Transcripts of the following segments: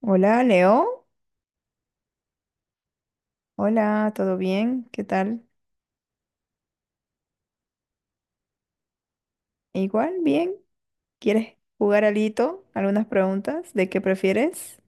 Hola, Leo. Hola, ¿todo bien? ¿Qué tal? Igual, bien. ¿Quieres jugar alito? ¿Algunas preguntas? ¿De qué prefieres?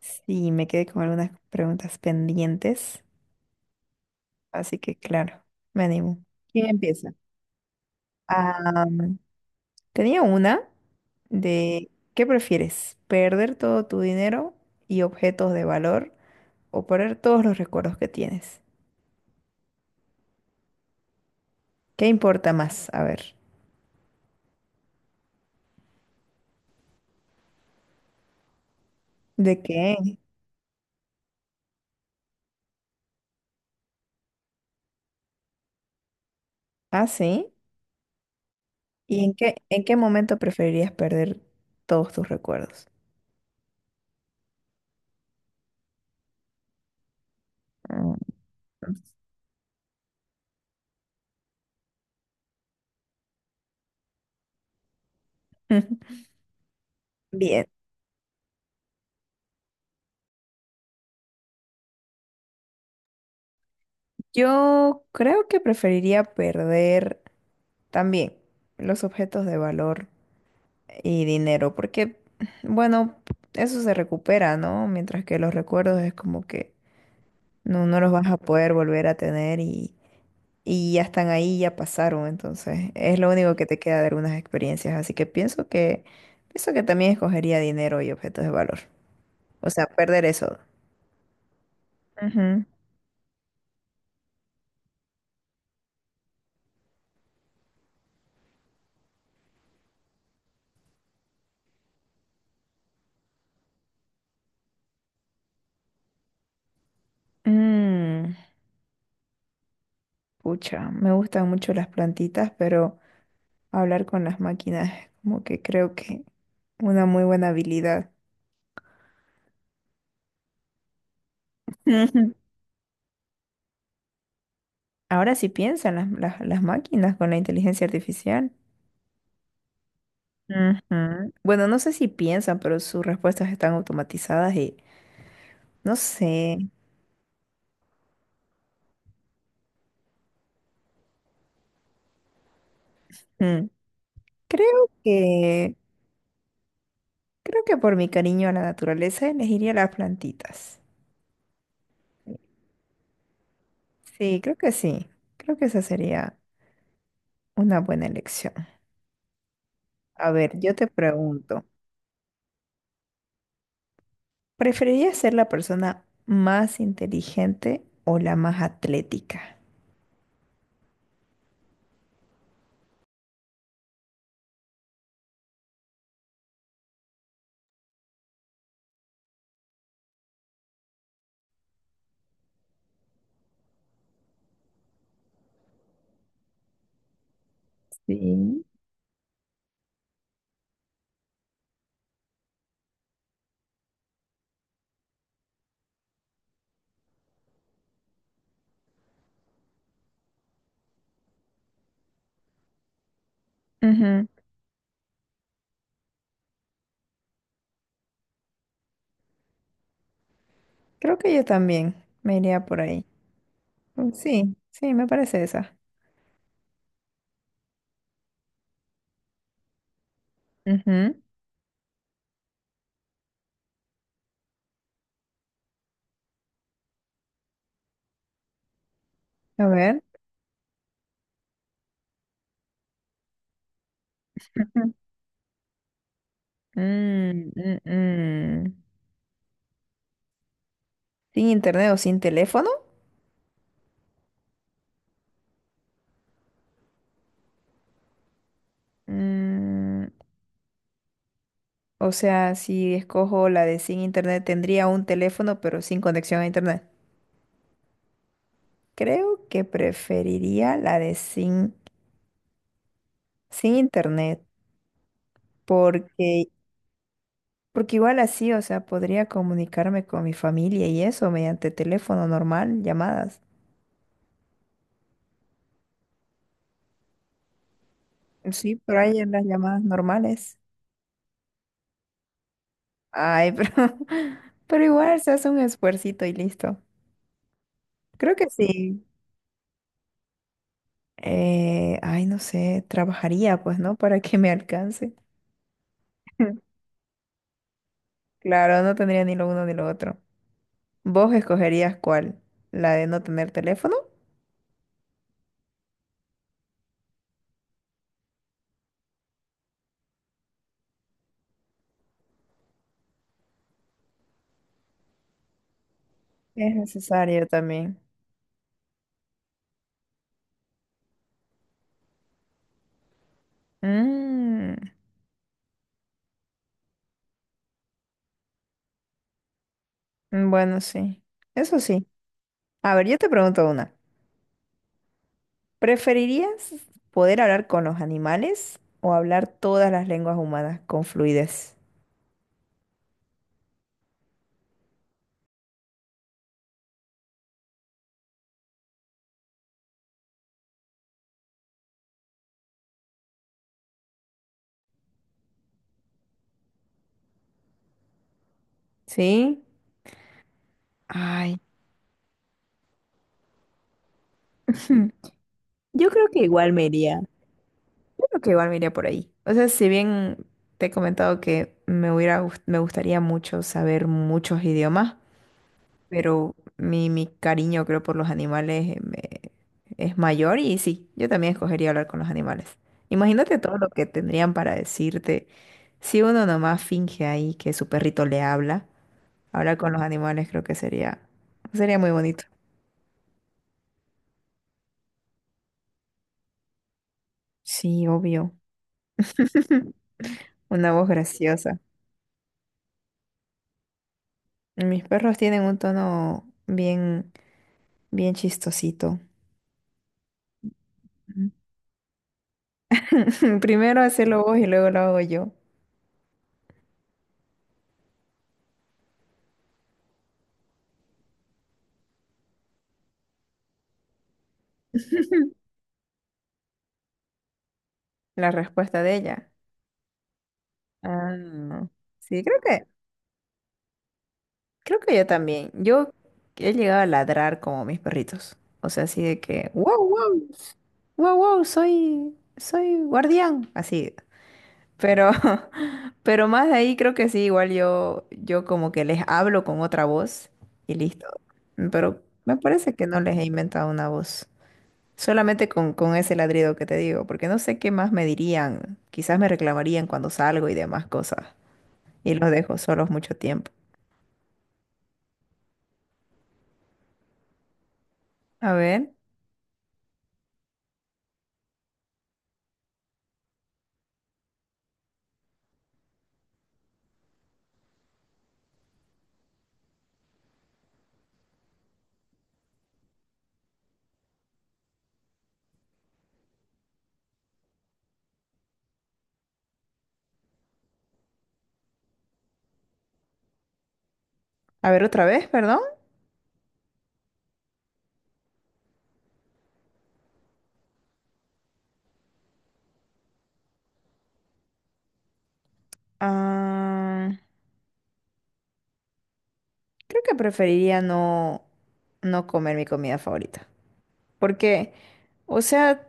Sí, me quedé con algunas preguntas pendientes, así que claro, me animo. ¿Quién empieza? Am, tenía una de ¿qué prefieres? ¿Perder todo tu dinero y objetos de valor o perder todos los recuerdos que tienes? ¿Qué importa más? A ver, ¿de qué? Ah, sí. ¿Y en qué momento preferirías perder todos tus recuerdos? Mm. Bien, yo creo que preferiría perder también los objetos de valor y dinero, porque, bueno, eso se recupera, ¿no? Mientras que los recuerdos es como que no los vas a poder volver a tener y ya están ahí, ya pasaron, entonces es lo único que te queda de algunas experiencias, así que pienso que también escogería dinero y objetos de valor. O sea, perder eso. Ujú. Mm, pucha, me gustan mucho las plantitas, pero hablar con las máquinas es como que creo que una muy buena habilidad. Ujú. Ahora sí piensan las máquinas con la inteligencia artificial. Ujú. Bueno, no sé si piensan, pero sus respuestas están automatizadas y no sé. Mm, Creo que, Creo que por mi cariño a la naturaleza elegiría las plantitas. Sí. Creo que esa sería una buena elección. A ver, yo te pregunto, ¿preferirías ser la persona más inteligente o la más atlética? Sí. Ujú. Creo que yo también me iría por ahí. Sí, sí, me parece esa. Ujú. A ver. Ujú. Mm, mm, mm. ¿Sin internet o sin teléfono? Mm, o sea, si escojo la de sin internet, tendría un teléfono, pero sin conexión a internet. Creo que preferiría la de sin internet, porque, porque igual así, o sea, podría comunicarme con mi familia y eso mediante teléfono normal, llamadas. Sí, pero hay en las llamadas normales. Ay, pero igual se hace un esfuercito y listo. Creo que sí. Ay, no sé, trabajaría pues, ¿no? Para que me alcance. Claro, no tendría ni lo uno ni lo otro. ¿Vos escogerías cuál? ¿La de no tener teléfono? Es necesario también. Mm. Bueno sí. Eso sí. A ver, yo te pregunto una. ¿Preferirías poder hablar con los animales o hablar todas las lenguas humanas con fluidez? ¿Sí? Ay, Hmm. Yo creo que igual me iría. Yo creo que igual me iría por ahí. O sea, si bien te he comentado que me hubiera, me gustaría mucho saber muchos idiomas, pero mi cariño creo por los animales es mayor y sí, yo también escogería hablar con los animales. Imagínate todo lo que tendrían para decirte. Si uno nomás finge ahí que su perrito le habla, hablar con los animales creo que sería muy bonito. Sí, obvio. Una voz graciosa. Mis perros tienen un tono bien, bien chistosito. Ujú. Primero hacerlo vos y luego lo hago yo. La respuesta de ella. Ah, no. Sí, creo que yo también. Yo he llegado a ladrar como mis perritos. O sea, así de que, wow, wow, wow, wow, soy guardián, así. Pero, pero más de ahí creo que sí, igual yo como que les hablo con otra voz y listo. Pero me parece que no les he inventado una voz. Solamente con ese ladrido que te digo, porque no sé qué más me dirían. Quizás me reclamarían cuando salgo y demás cosas. Y los dejo solos mucho tiempo. A ver, a ver otra vez, perdón. Ah, creo que preferiría no comer mi comida favorita. Porque, o sea,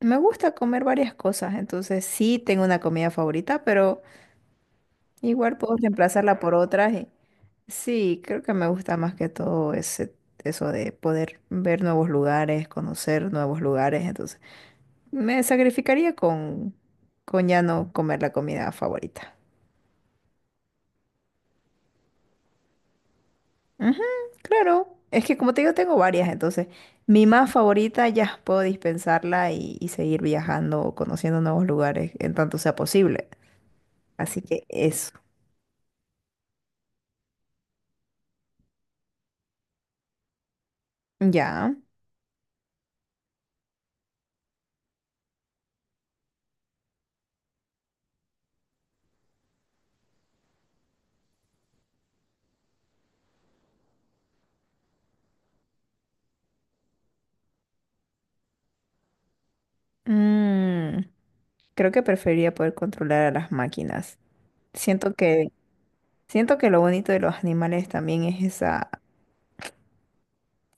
me gusta comer varias cosas, entonces sí tengo una comida favorita, pero igual puedo reemplazarla por otras. Sí, creo que me gusta más que todo eso de poder ver nuevos lugares, conocer nuevos lugares. Entonces, me sacrificaría con ya no comer la comida favorita. Ujú, claro. Es que como te digo, tengo varias, entonces mi más favorita ya puedo dispensarla y seguir viajando o conociendo nuevos lugares en tanto sea posible. Así que eso. Ya. Mm, creo que preferiría poder controlar a las máquinas. Siento que, Siento que lo bonito de los animales también es esa,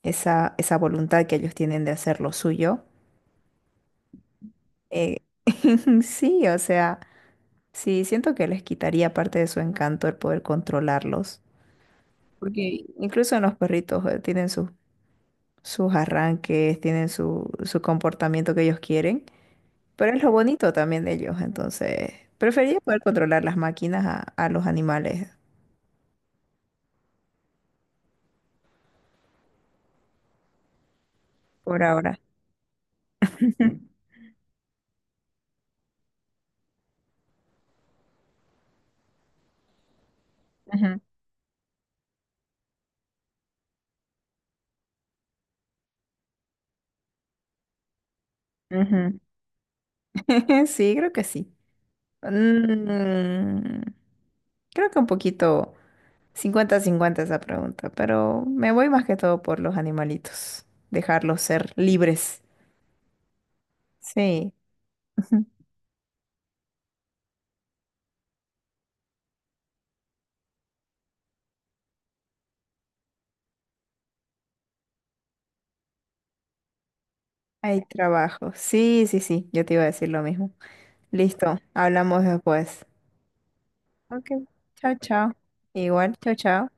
esa, esa voluntad que ellos tienen de hacer lo suyo. Eh, sí, o sea, sí, siento que les quitaría parte de su encanto el poder controlarlos. Porque incluso en los perritos tienen sus arranques, tienen su comportamiento que ellos quieren, pero es lo bonito también de ellos. Entonces, preferiría poder controlar las máquinas a los animales por ahora. Ujú, ujú, ujú. Sí, creo que sí. Mm, creo que un poquito cincuenta cincuenta esa pregunta, pero me voy más que todo por los animalitos, dejarlos ser libres. Sí. Hay trabajo. Sí, sí, sí, yo te iba a decir lo mismo. Listo, hablamos después. Ok, chao, chao. Igual, chao, chao.